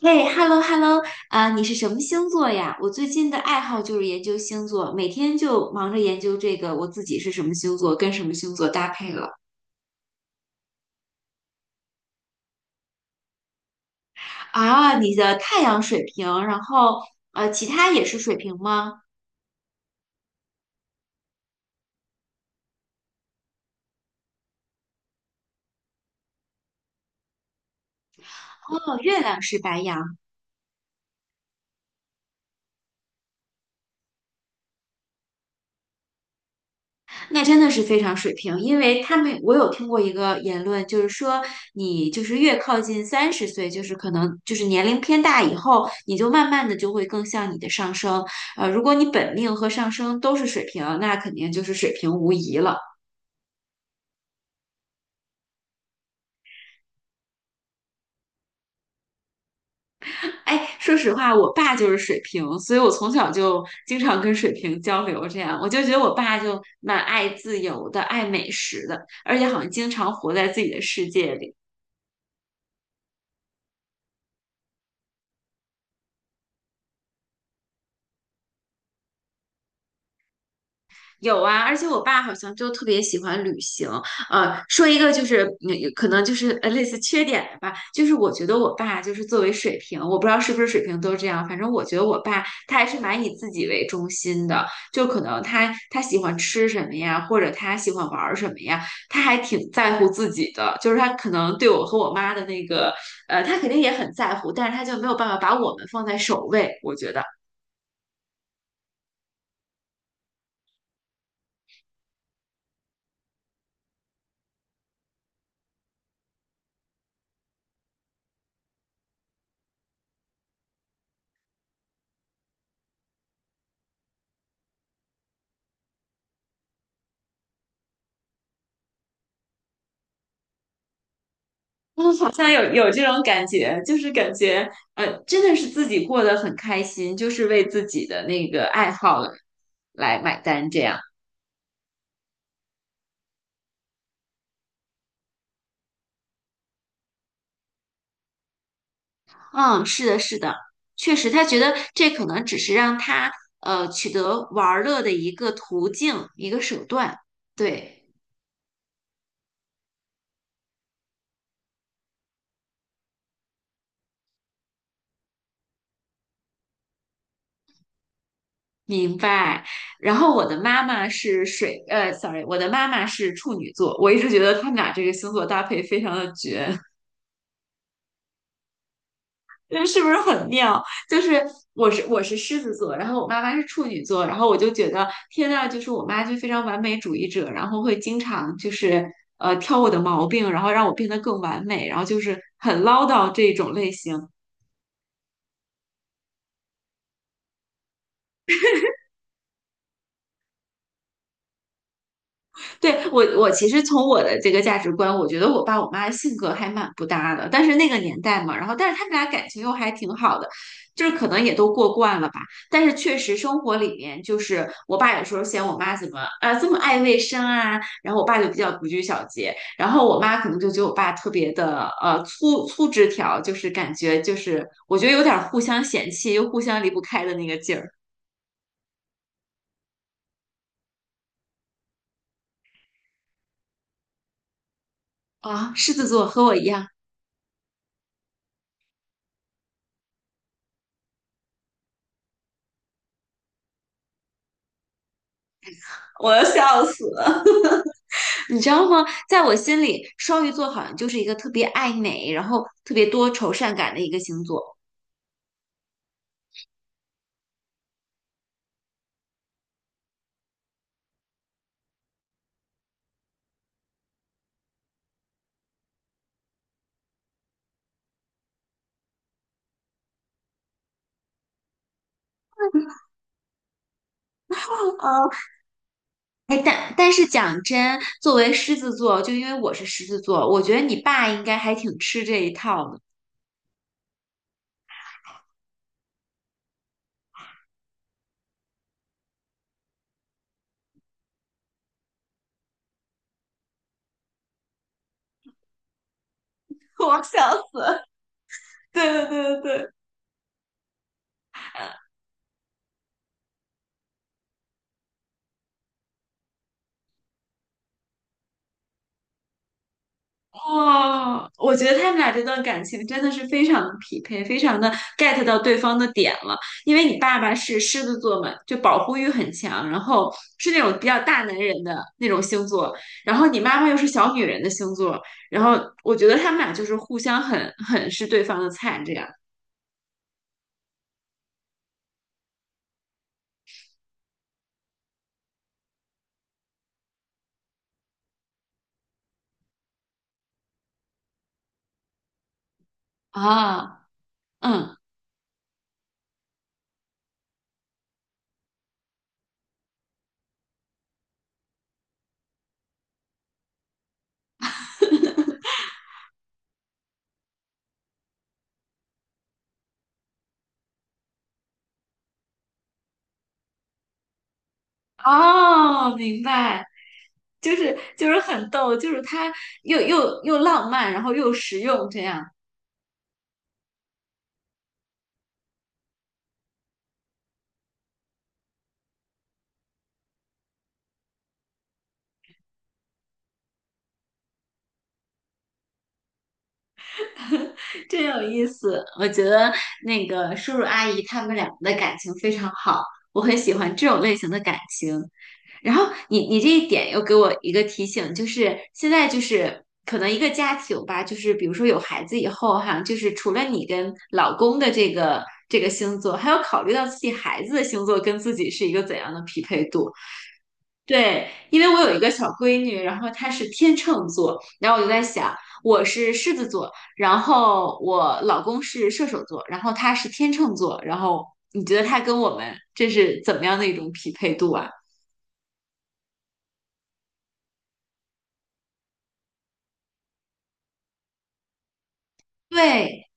嘿，hello hello，啊，你是什么星座呀？我最近的爱好就是研究星座，每天就忙着研究这个我自己是什么星座，跟什么星座搭配了。啊，你的太阳水瓶，然后其他也是水瓶吗？哦，月亮是白羊。那真的是非常水平，因为他们我有听过一个言论，就是说你就是越靠近三十岁，就是可能就是年龄偏大以后，你就慢慢的就会更像你的上升。如果你本命和上升都是水平，那肯定就是水平无疑了。哎，说实话，我爸就是水平，所以我从小就经常跟水平交流，这样我就觉得我爸就蛮爱自由的，爱美食的，而且好像经常活在自己的世界里。有啊，而且我爸好像就特别喜欢旅行。说一个就是，可能就是类似缺点的吧，就是我觉得我爸就是作为水平，我不知道是不是水平都这样，反正我觉得我爸他还是蛮以自己为中心的，就可能他喜欢吃什么呀，或者他喜欢玩儿什么呀，他还挺在乎自己的，就是他可能对我和我妈的那个，他肯定也很在乎，但是他就没有办法把我们放在首位，我觉得。嗯，好像有这种感觉，就是感觉，真的是自己过得很开心，就是为自己的那个爱好来买单这样。嗯，是的，是的，确实，他觉得这可能只是让他取得玩儿乐的一个途径，一个手段。对，明白。然后我的妈妈是处女座，我一直觉得他们俩这个星座搭配非常的绝。这是不是很妙？就是我是狮子座，然后我妈妈是处女座，然后我就觉得天呐，就是我妈就非常完美主义者，然后会经常就是挑我的毛病，然后让我变得更完美，然后就是很唠叨这种类型。对，我，我其实从我的这个价值观，我觉得我爸我妈性格还蛮不搭的，但是那个年代嘛，然后但是他们俩感情又还挺好的，就是可能也都过惯了吧。但是确实生活里面，就是我爸有时候嫌我妈怎么啊这么爱卫生啊，然后我爸就比较不拘小节，然后我妈可能就觉得我爸特别的粗粗枝条，就是感觉就是我觉得有点互相嫌弃又互相离不开的那个劲儿啊。狮子座和我一样，我要笑死了。你知道吗？在我心里，双鱼座好像就是一个特别爱美，然后特别多愁善感的一个星座。哦，哎，但但是讲真，作为狮子座，就因为我是狮子座，我觉得你爸应该还挺吃这一套的。我笑死对对对对对。哇，我觉得他们俩这段感情真的是非常的匹配，非常的 get 到对方的点了。因为你爸爸是狮子座嘛，就保护欲很强，然后是那种比较大男人的那种星座，然后你妈妈又是小女人的星座，然后我觉得他们俩就是互相很是对方的菜这样啊，嗯，哦，明白，就是很逗，就是他又浪漫，然后又实用这样。真有意思，我觉得那个叔叔阿姨他们两个的感情非常好，我很喜欢这种类型的感情。然后你你这一点又给我一个提醒，就是现在就是可能一个家庭吧，就是比如说有孩子以后哈，就是除了你跟老公的这个这个星座，还要考虑到自己孩子的星座跟自己是一个怎样的匹配度。对，因为我有一个小闺女，然后她是天秤座，然后我就在想，我是狮子座，然后我老公是射手座，然后他是天秤座，然后你觉得他跟我们这是怎么样的一种匹配度啊？对，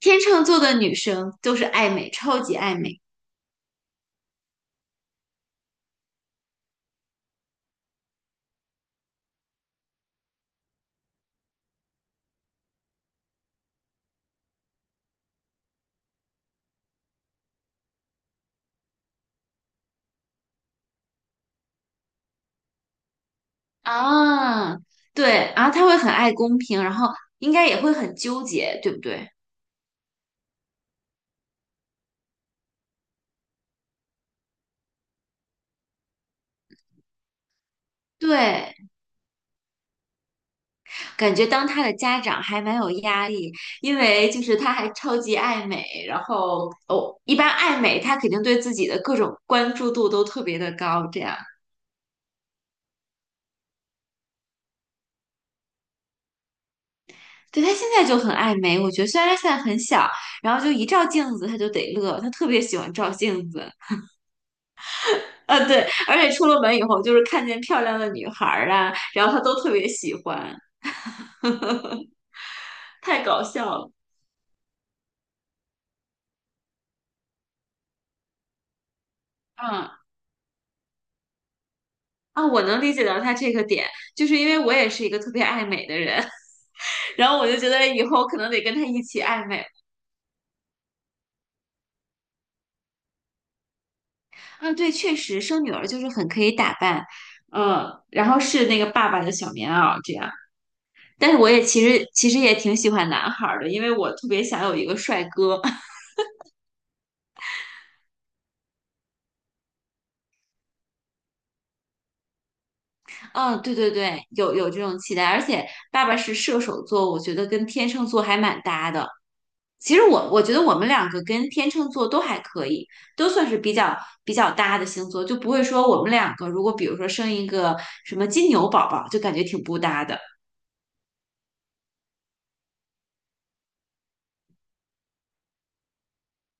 天秤座的女生就是爱美，超级爱美啊，对，然后她会很爱公平，然后应该也会很纠结，对不对？对，感觉当他的家长还蛮有压力，因为就是他还超级爱美，然后哦，一般爱美他肯定对自己的各种关注度都特别的高，这样。对，他现在就很爱美，我觉得虽然他现在很小，然后就一照镜子他就得乐，他特别喜欢照镜子。对，而且出了门以后就是看见漂亮的女孩儿啊，然后他都特别喜欢，太搞笑了。嗯啊，我能理解到他这个点，就是因为我也是一个特别爱美的人。然后我就觉得以后可能得跟他一起暧昧。嗯，对，确实生女儿就是很可以打扮，嗯，然后是那个爸爸的小棉袄这样。但是我也其实其实也挺喜欢男孩儿的，因为我特别想有一个帅哥。嗯，对对对，有这种期待，而且爸爸是射手座，我觉得跟天秤座还蛮搭的。其实我我觉得我们两个跟天秤座都还可以，都算是比较比较搭的星座，就不会说我们两个如果比如说生一个什么金牛宝宝，就感觉挺不搭的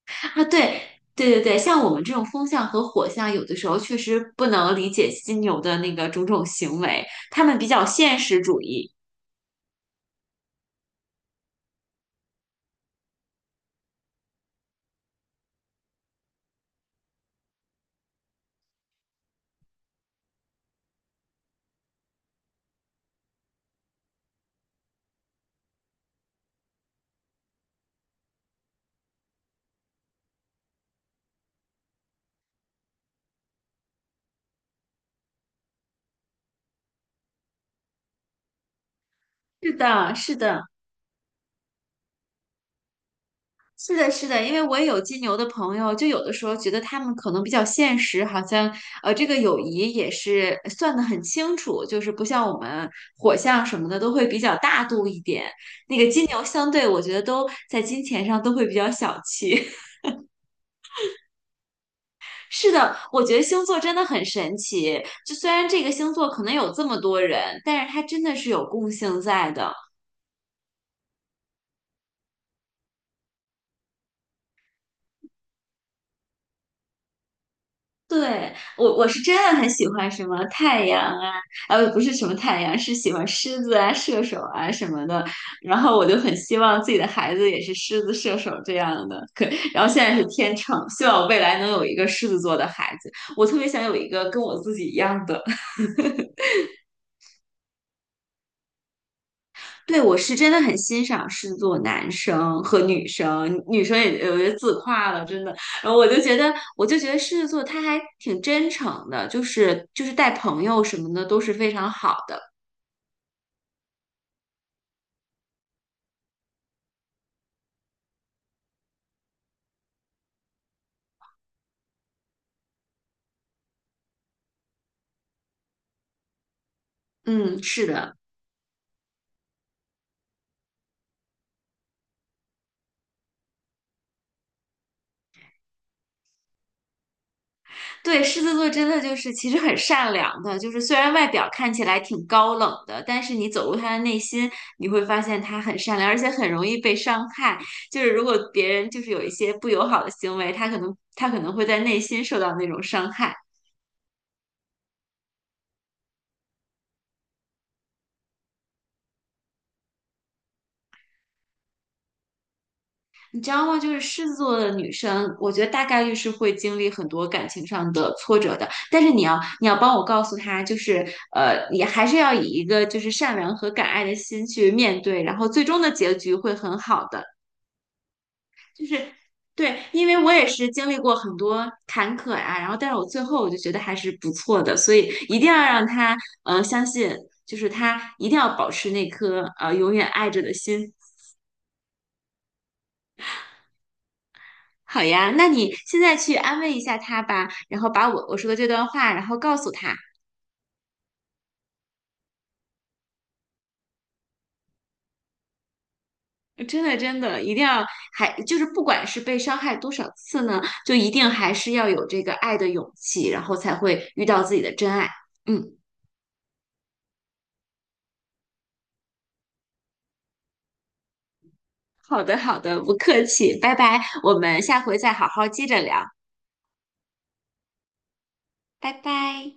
啊。对对对对，像我们这种风象和火象，有的时候确实不能理解金牛的那个种种行为，他们比较现实主义。是的，是的。是的，是的，因为我也有金牛的朋友，就有的时候觉得他们可能比较现实，好像这个友谊也是算得很清楚，就是不像我们火象什么的都会比较大度一点。那个金牛相对，我觉得都在金钱上都会比较小气。是的，我觉得星座真的很神奇，就虽然这个星座可能有这么多人，但是它真的是有共性在的。对，我我是真的很喜欢什么太阳啊，不是什么太阳，是喜欢狮子啊、射手啊什么的。然后我就很希望自己的孩子也是狮子、射手这样的。可，然后现在是天秤，希望我未来能有一个狮子座的孩子。我特别想有一个跟我自己一样的。对，我是真的很欣赏狮子座男生和女生，女生也有些自夸了，真的。然后我就觉得狮子座他还挺真诚的，就是带朋友什么的都是非常好的。嗯，是的，对，狮子座真的就是其实很善良的，就是虽然外表看起来挺高冷的，但是你走入他的内心，你会发现他很善良，而且很容易被伤害。就是如果别人就是有一些不友好的行为，他可能会在内心受到那种伤害。你知道吗？就是狮子座的女生，我觉得大概率是会经历很多感情上的挫折的。但是你要帮我告诉她，就是你还是要以一个就是善良和敢爱的心去面对，然后最终的结局会很好的。就是对，因为我也是经历过很多坎坷呀、然后但是我最后我就觉得还是不错的，所以一定要让她相信，就是她一定要保持那颗永远爱着的心。好呀，那你现在去安慰一下他吧，然后把我说的这段话，然后告诉他。真的，真的，一定要还就是不管是被伤害多少次呢，就一定还是要有这个爱的勇气，然后才会遇到自己的真爱。嗯，好的，好的，不客气，拜拜，我们下回再好好接着聊，拜拜。